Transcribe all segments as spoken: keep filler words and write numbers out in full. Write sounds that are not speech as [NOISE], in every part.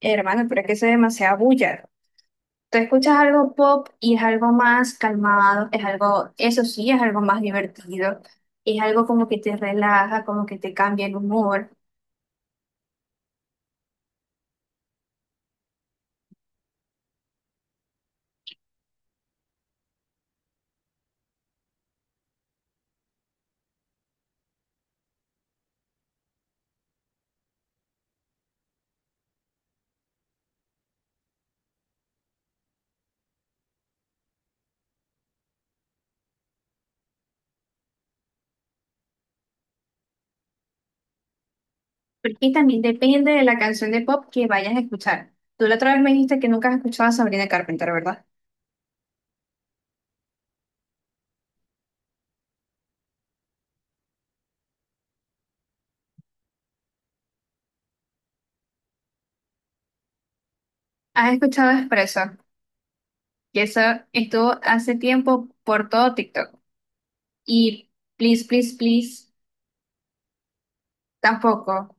Hermano, pero es que eso es demasiada bulla. Tú escuchas algo pop y es algo más calmado, es algo, eso sí, es algo más divertido, es algo como que te relaja, como que te cambia el humor. Porque también depende de la canción de pop que vayas a escuchar. Tú la otra vez me dijiste que nunca has escuchado a Sabrina Carpenter, ¿verdad? Has escuchado Espresso, que eso estuvo hace tiempo por todo TikTok. Y Please, Please, Please, tampoco.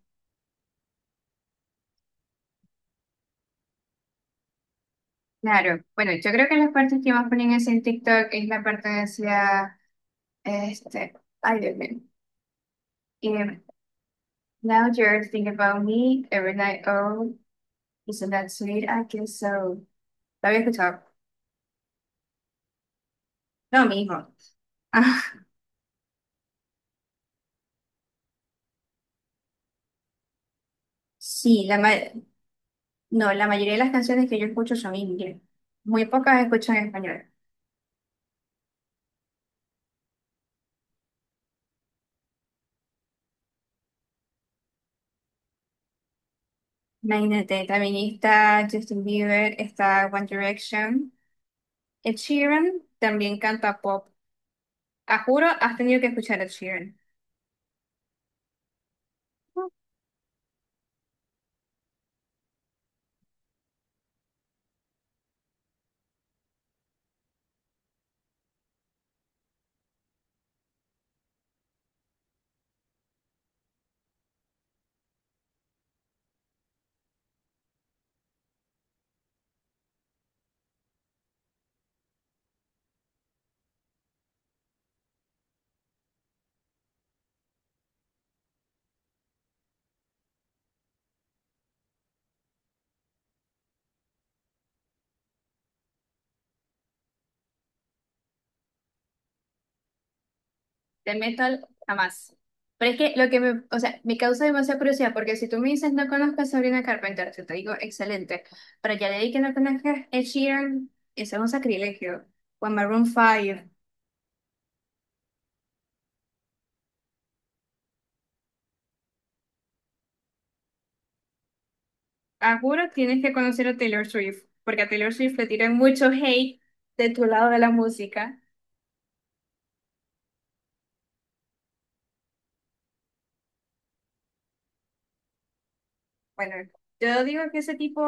Claro, bueno, yo creo que las partes que más ponen así en TikTok es la parte de hacia Este, ay, Dios mío. Y now you're thinking about me every night. Oh, isn't that sweet? I guess so. ¿La había escuchado? No, mi hijo. Ah, sí, la ma- no, la mayoría de las canciones que yo escucho son en inglés. Muy pocas escucho en español. Imagínate, también está Justin Bieber, está One Direction. Ed Sheeran también canta pop. A juro, has tenido que escuchar a Ed Sheeran. Del metal, jamás. Pero es que lo que me, o sea, me causa demasiada curiosidad, porque si tú me dices no conozco a Sabrina Carpenter, yo te digo excelente, pero ya leí que no conozcas Ed Sheeran, eso es un sacrilegio. O a Maroon cinco. Ah, juro, tienes que conocer a Taylor Swift, porque a Taylor Swift le tiran mucho hate de tu lado de la música. Bueno, yo digo que ese tipo.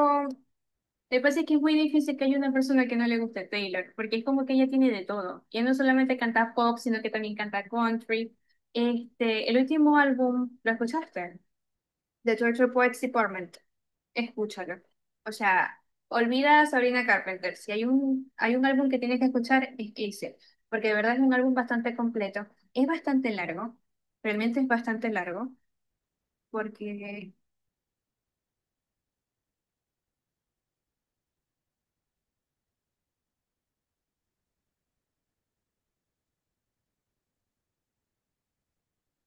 Me parece que es muy difícil que haya una persona que no le guste Taylor, porque es como que ella tiene de todo. Ella no solamente canta pop, sino que también canta country. Este, el último álbum, ¿lo escuchaste? The Torture Poets Department. Escúchalo. O sea, olvida a Sabrina Carpenter. Si hay un, hay un álbum que tienes que escuchar, es ese, porque de verdad es un álbum bastante completo. Es bastante largo, realmente es bastante largo, porque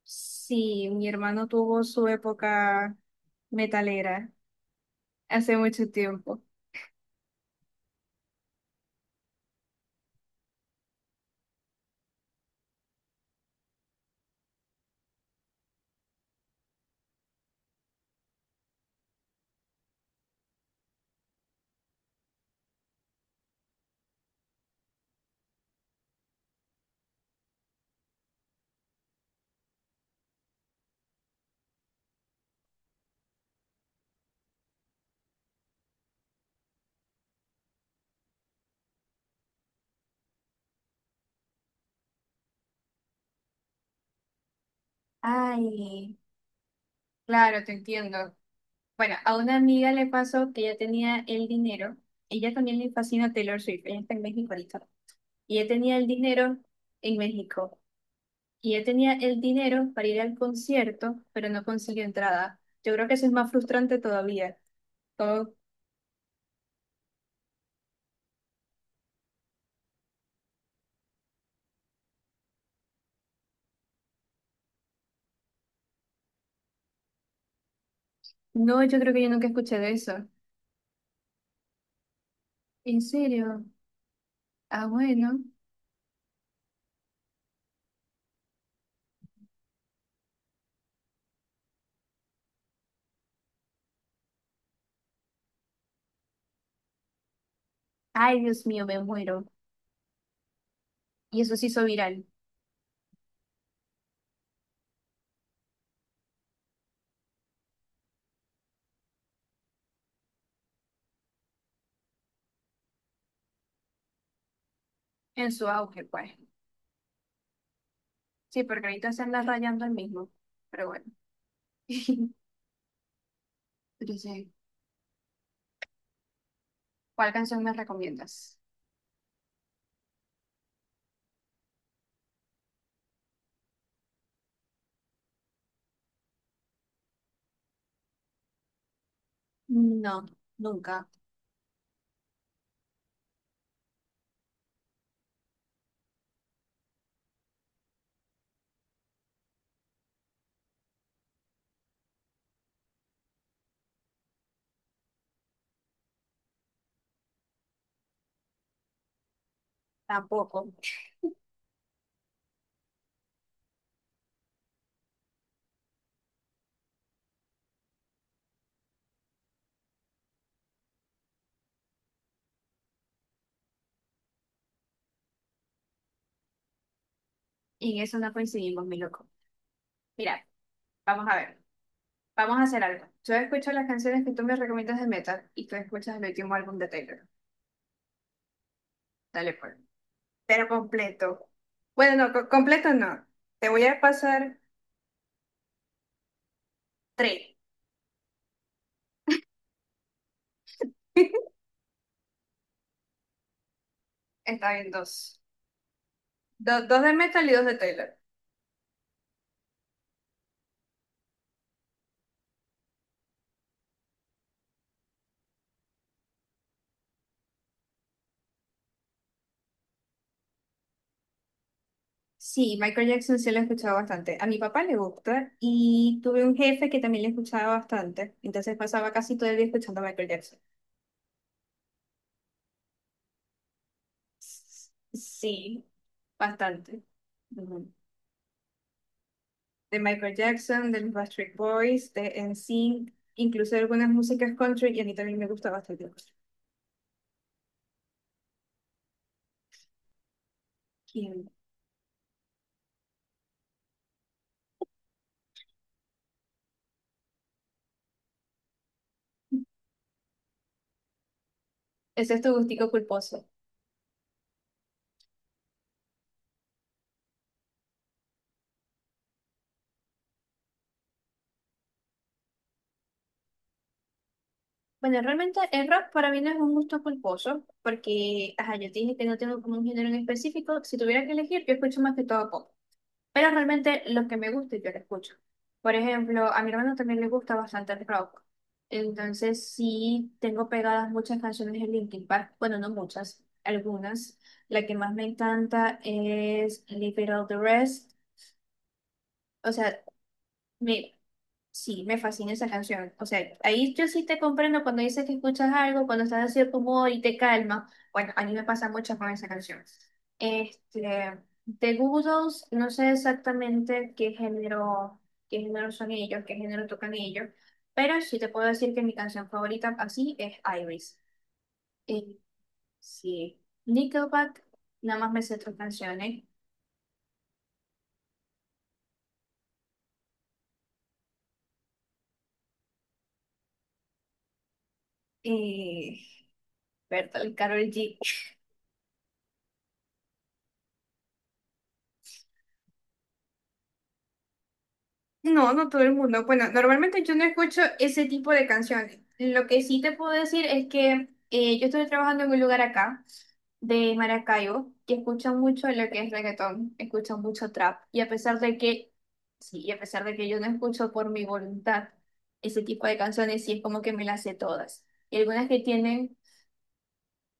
sí, mi hermano tuvo su época metalera. Hace mucho tiempo. Ay, claro, te entiendo. Bueno, a una amiga le pasó que ella tenía el dinero. Ella también le fascina Taylor Swift. Ella está en México ahorita. Y ella tenía el dinero en México. Y ella tenía el dinero para ir al concierto, pero no consiguió entrada. Yo creo que eso es más frustrante todavía. Como, no, yo creo que yo nunca escuché de eso. ¿En serio? Ah, bueno. Ay, Dios mío, me muero. Y eso se hizo viral en su auge, pues. Sí, porque ahorita se anda rayando el mismo. Pero bueno. [LAUGHS] Pero sí. ¿Cuál canción me recomiendas? No, nunca, tampoco. Y en eso no coincidimos, mi loco. Mira, vamos a ver. Vamos a hacer algo. Yo escucho las canciones que tú me recomiendas de metal y tú escuchas el último álbum de Taylor. Dale, pues. Pero completo. Bueno, no, co- completo no. Te voy a pasar tres. [LAUGHS] Está bien, dos. Do- dos de metal y dos de Taylor. Sí, Michael Jackson sí lo he escuchado bastante. A mi papá le gusta y tuve un jefe que también le escuchaba bastante. Entonces pasaba casi todo el día escuchando a Michael Jackson. S- Sí, bastante. Ujú. De Michael Jackson, de los Backstreet Boys, de N SYNC, incluso de algunas músicas country y a mí también me gusta bastante el country. ¿Quién? Ese es tu gustico culposo. Bueno, realmente el rock para mí no es un gusto culposo porque, ajá, yo te dije que no tengo como un género en específico. Si tuviera que elegir, yo escucho más que todo pop. Pero realmente lo que me gusta yo lo escucho. Por ejemplo, a mi hermano también le gusta bastante el rock. Entonces sí tengo pegadas muchas canciones de Linkin Park. Bueno, no muchas, algunas. La que más me encanta es Leave It All the Rest. O sea, me, Sí, me fascina esa canción. O sea, ahí yo sí te comprendo cuando dices que escuchas algo, cuando estás así de cierto humor y te calma. Bueno, a mí me pasa mucho con esa canción. Este, de Goo Goo Dolls, no sé exactamente qué género, qué género son ellos, qué género tocan ellos, pero sí te puedo decir que mi canción favorita así es Iris. Eh, sí, Nickelback, nada más me sé tres canciones. Eh, Bertolt, Karol G. No, no todo el mundo. Bueno, normalmente yo no escucho ese tipo de canciones. Lo que sí te puedo decir es que eh, yo estoy trabajando en un lugar acá, de Maracaibo, que escuchan mucho lo que es reggaetón, escuchan mucho trap. Y a pesar de que, sí, y a pesar de que yo no escucho por mi voluntad ese tipo de canciones, sí es como que me las sé todas. Y algunas que tienen,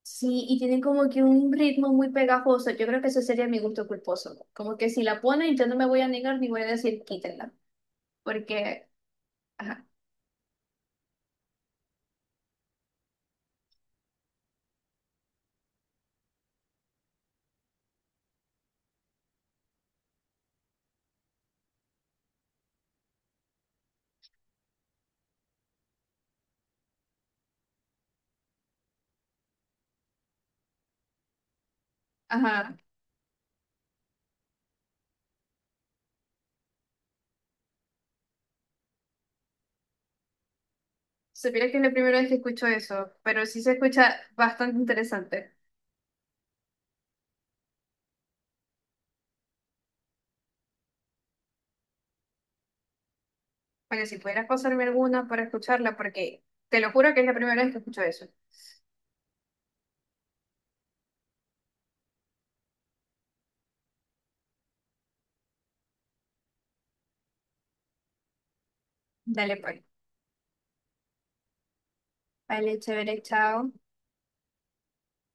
sí, y tienen como que un ritmo muy pegajoso. Yo creo que eso sería mi gusto culposo. Como que si la ponen, yo no me voy a negar ni voy a decir quítenla porque ajá. Ajá. Supiera que es la primera vez que escucho eso, pero sí se escucha bastante interesante. Oye, si pudieras pasarme alguna para escucharla, porque te lo juro que es la primera vez que escucho eso. Dale, pues. Vale, chévere, chao.